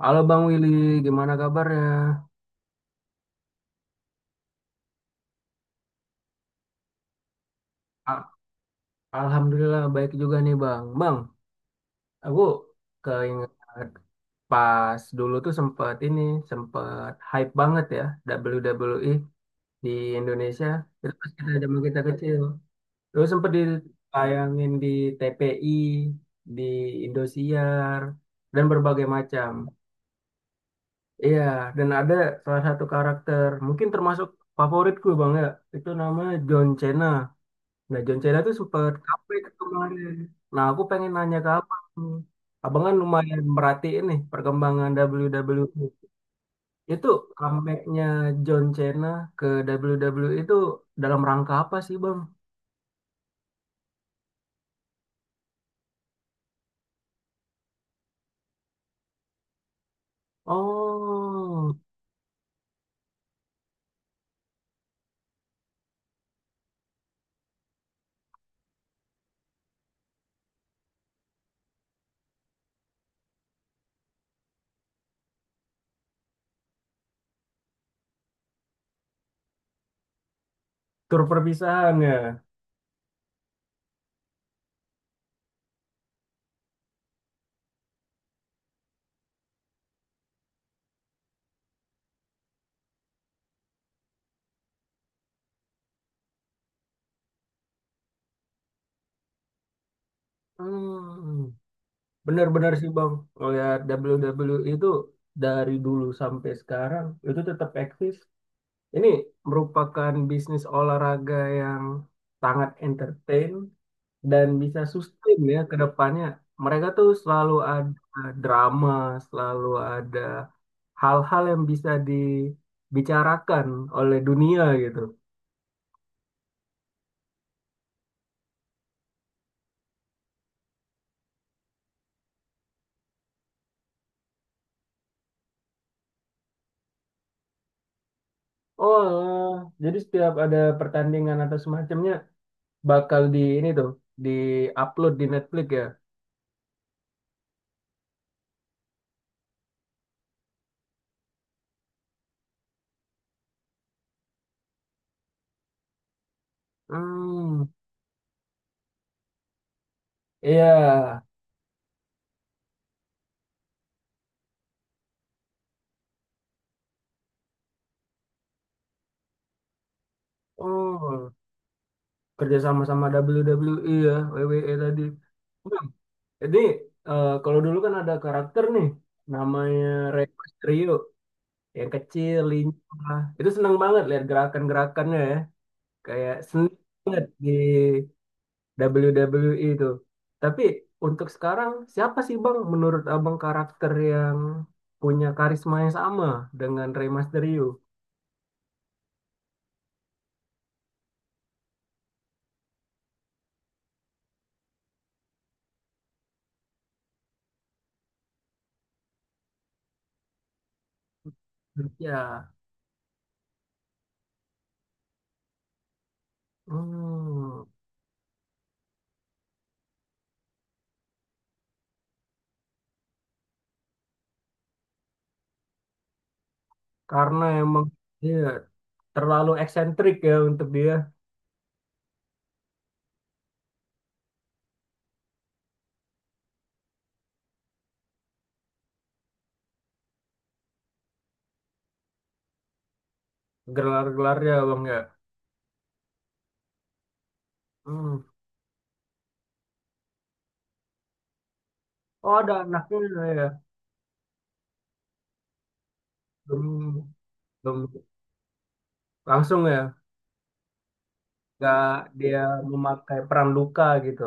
Halo Bang Willy, gimana kabarnya? A- Alhamdulillah baik juga nih Bang. Bang, aku keinget pas dulu tuh sempet hype banget ya WWE di Indonesia. Itu pas kita zaman kita kecil. Terus sempet ditayangin di TPI, di Indosiar, dan berbagai macam. Iya, dan ada salah satu karakter, mungkin termasuk favoritku Bang ya, itu namanya John Cena. Nah, John Cena tuh super capek kemarin. Nah, aku pengen nanya ke abang. Abang kan lumayan merhatiin nih perkembangan WWE. Itu comeback-nya John Cena ke WWE itu dalam rangka apa sih, Bang? Oh, tur perpisahan ya. Hmm, benar-benar sih, Bang. Ngeliat WWE itu dari dulu sampai sekarang itu tetap eksis. Ini merupakan bisnis olahraga yang sangat entertain dan bisa sustain ya ke depannya. Mereka tuh selalu ada drama, selalu ada hal-hal yang bisa dibicarakan oleh dunia gitu. Oh, jadi setiap ada pertandingan atau semacamnya bakal di ini tuh di-upload di Netflix ya. Hmm, iya. Oh, kerja sama sama WWE ya, WWE tadi. Nah, jadi kalau dulu kan ada karakter nih namanya Rey Mysterio yang kecil, lincah. Itu seneng banget lihat gerakan-gerakannya ya. Kayak seni banget di WWE itu. Tapi untuk sekarang siapa sih Bang menurut Abang karakter yang punya karisma yang sama dengan Rey Mysterio? Ya, hmm, karena emang dia terlalu eksentrik ya untuk dia gelar-gelarnya Bang ya. Hmm. Oh, ada anaknya ya. Belum, belum langsung ya, nggak, dia memakai peran luka gitu.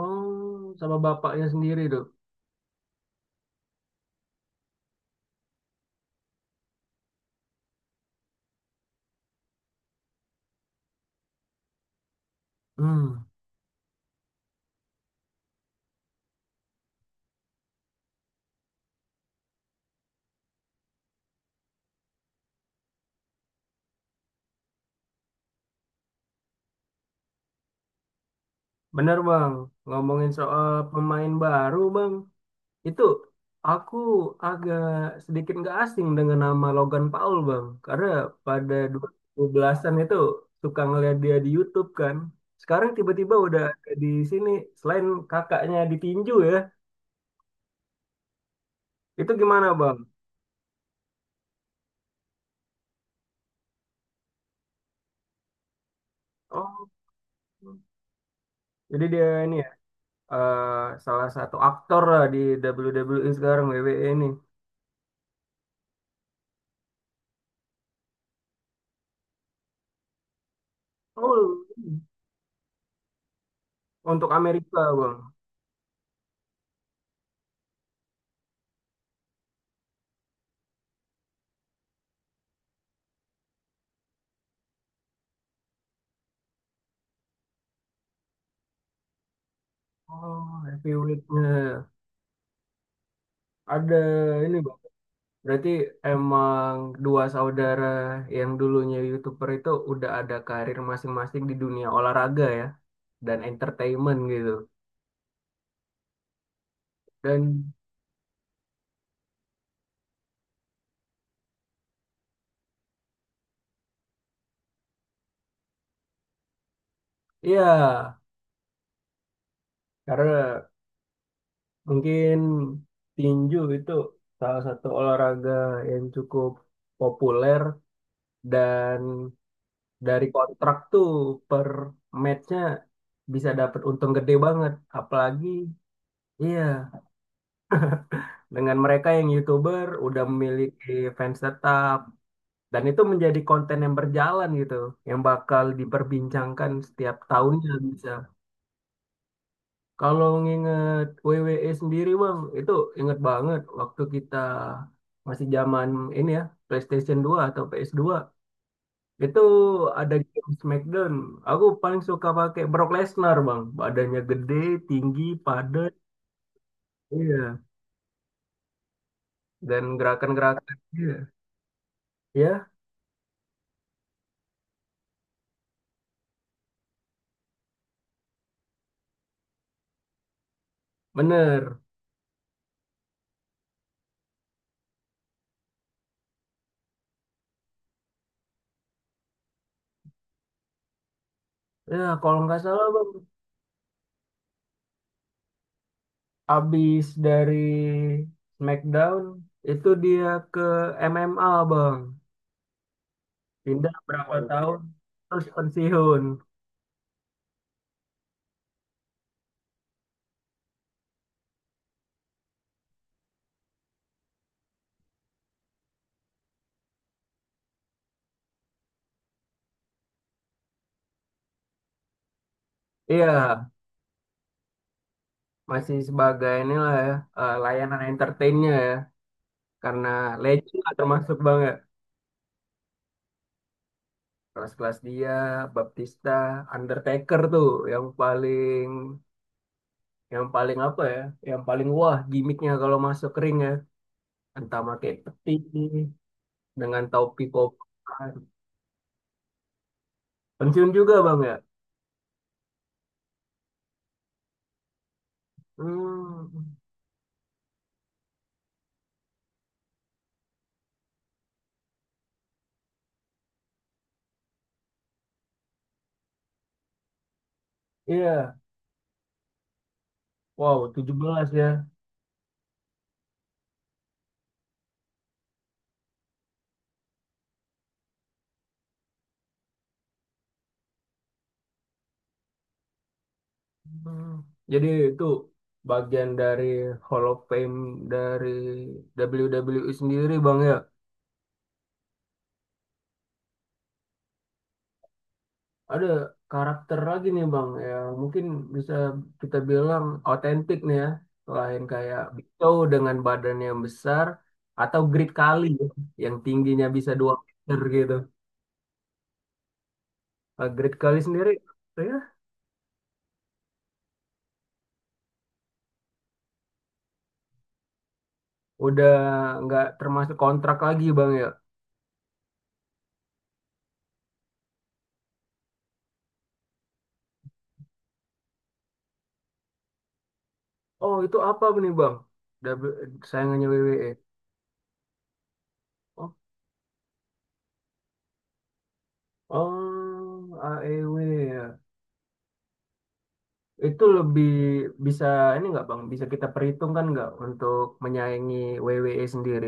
Oh, sama bapaknya sendiri tuh. hmm Bener bang, ngomongin soal pemain baru bang, itu aku agak sedikit nggak asing dengan nama Logan Paul bang, karena pada 2012-an itu suka ngeliat dia di YouTube kan. Sekarang tiba-tiba udah ada di sini, selain kakaknya ditinju ya, itu gimana bang? Oh, jadi dia ini, eh, salah satu aktor lah di WWE sekarang, WWE ini. Oh, untuk Amerika bang. Oh, heavyweightnya ada ini bang. Berarti emang dua saudara yang dulunya YouTuber itu udah ada karir masing-masing di dunia olahraga ya dan entertainment gitu. Dan iya, karena mungkin tinju itu salah satu olahraga yang cukup populer. Dan dari kontrak tuh per matchnya bisa dapat untung gede banget. Apalagi iya, dengan mereka yang YouTuber udah memiliki fans tetap dan itu menjadi konten yang berjalan gitu, yang bakal diperbincangkan setiap tahunnya bisa. Kalau nginget WWE sendiri Bang, itu inget banget waktu kita masih zaman ini ya, PlayStation 2 atau PS 2. Itu ada game SmackDown. Aku paling suka pakai Brock Lesnar, Bang. Badannya gede, tinggi, padat. Iya. Dan gerakan-gerakan. Iya. Ya, bener. Ya, kalau nggak salah, Bang. Abis dari SmackDown, itu dia ke MMA, Bang. Pindah berapa tahun, terus pensiun. Iya, masih sebagai inilah ya, layanan entertainnya ya. Karena legend lah termasuk, Bang, ya. Kelas-kelas dia Baptista, Undertaker tuh yang paling, yang paling apa ya, yang paling wah gimmicknya kalau masuk ring ya, entah pakai peti dengan topi kopan. Pensiun juga bang ya. Hmm, iya. Wow, 17 ya. Hmm. Jadi itu bagian dari Hall of Fame dari WWE sendiri bang ya. Ada karakter lagi nih Bang yang mungkin bisa kita bilang otentik nih ya. Selain kayak Big Show dengan badan yang besar atau Great Kali ya, yang tingginya bisa 2 meter gitu. Nah, Great Kali sendiri saya udah nggak termasuk kontrak lagi Bang ya. Oh, itu apa nih Bang? W- Sayangannya WWE. Oh, oh, AEW ya. Itu lebih bisa ini nggak Bang? Bisa kita perhitungkan nggak untuk menyaingi WWE sendiri?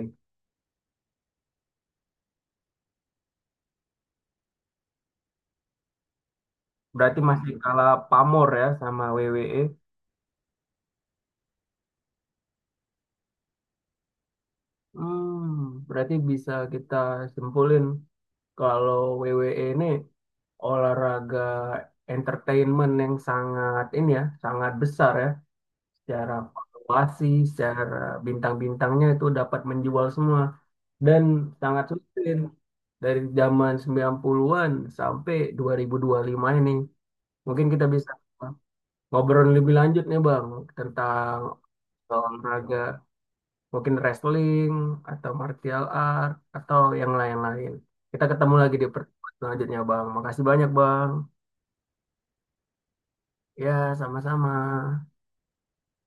Berarti masih kalah pamor ya sama WWE. Hmm, berarti bisa kita simpulin kalau WWE ini olahraga entertainment yang sangat ini ya, sangat besar ya. Secara valuasi, secara bintang-bintangnya itu dapat menjual semua. Dan sangat sulit dari zaman 90-an sampai dua ribu lima ini. Mungkin kita bisa ngobrol lebih lanjut nih Bang tentang olahraga mungkin wrestling atau martial art atau yang lain-lain. Kita ketemu lagi di pertemuan selanjutnya, Bang. Makasih banyak, Bang. Ya, sama-sama.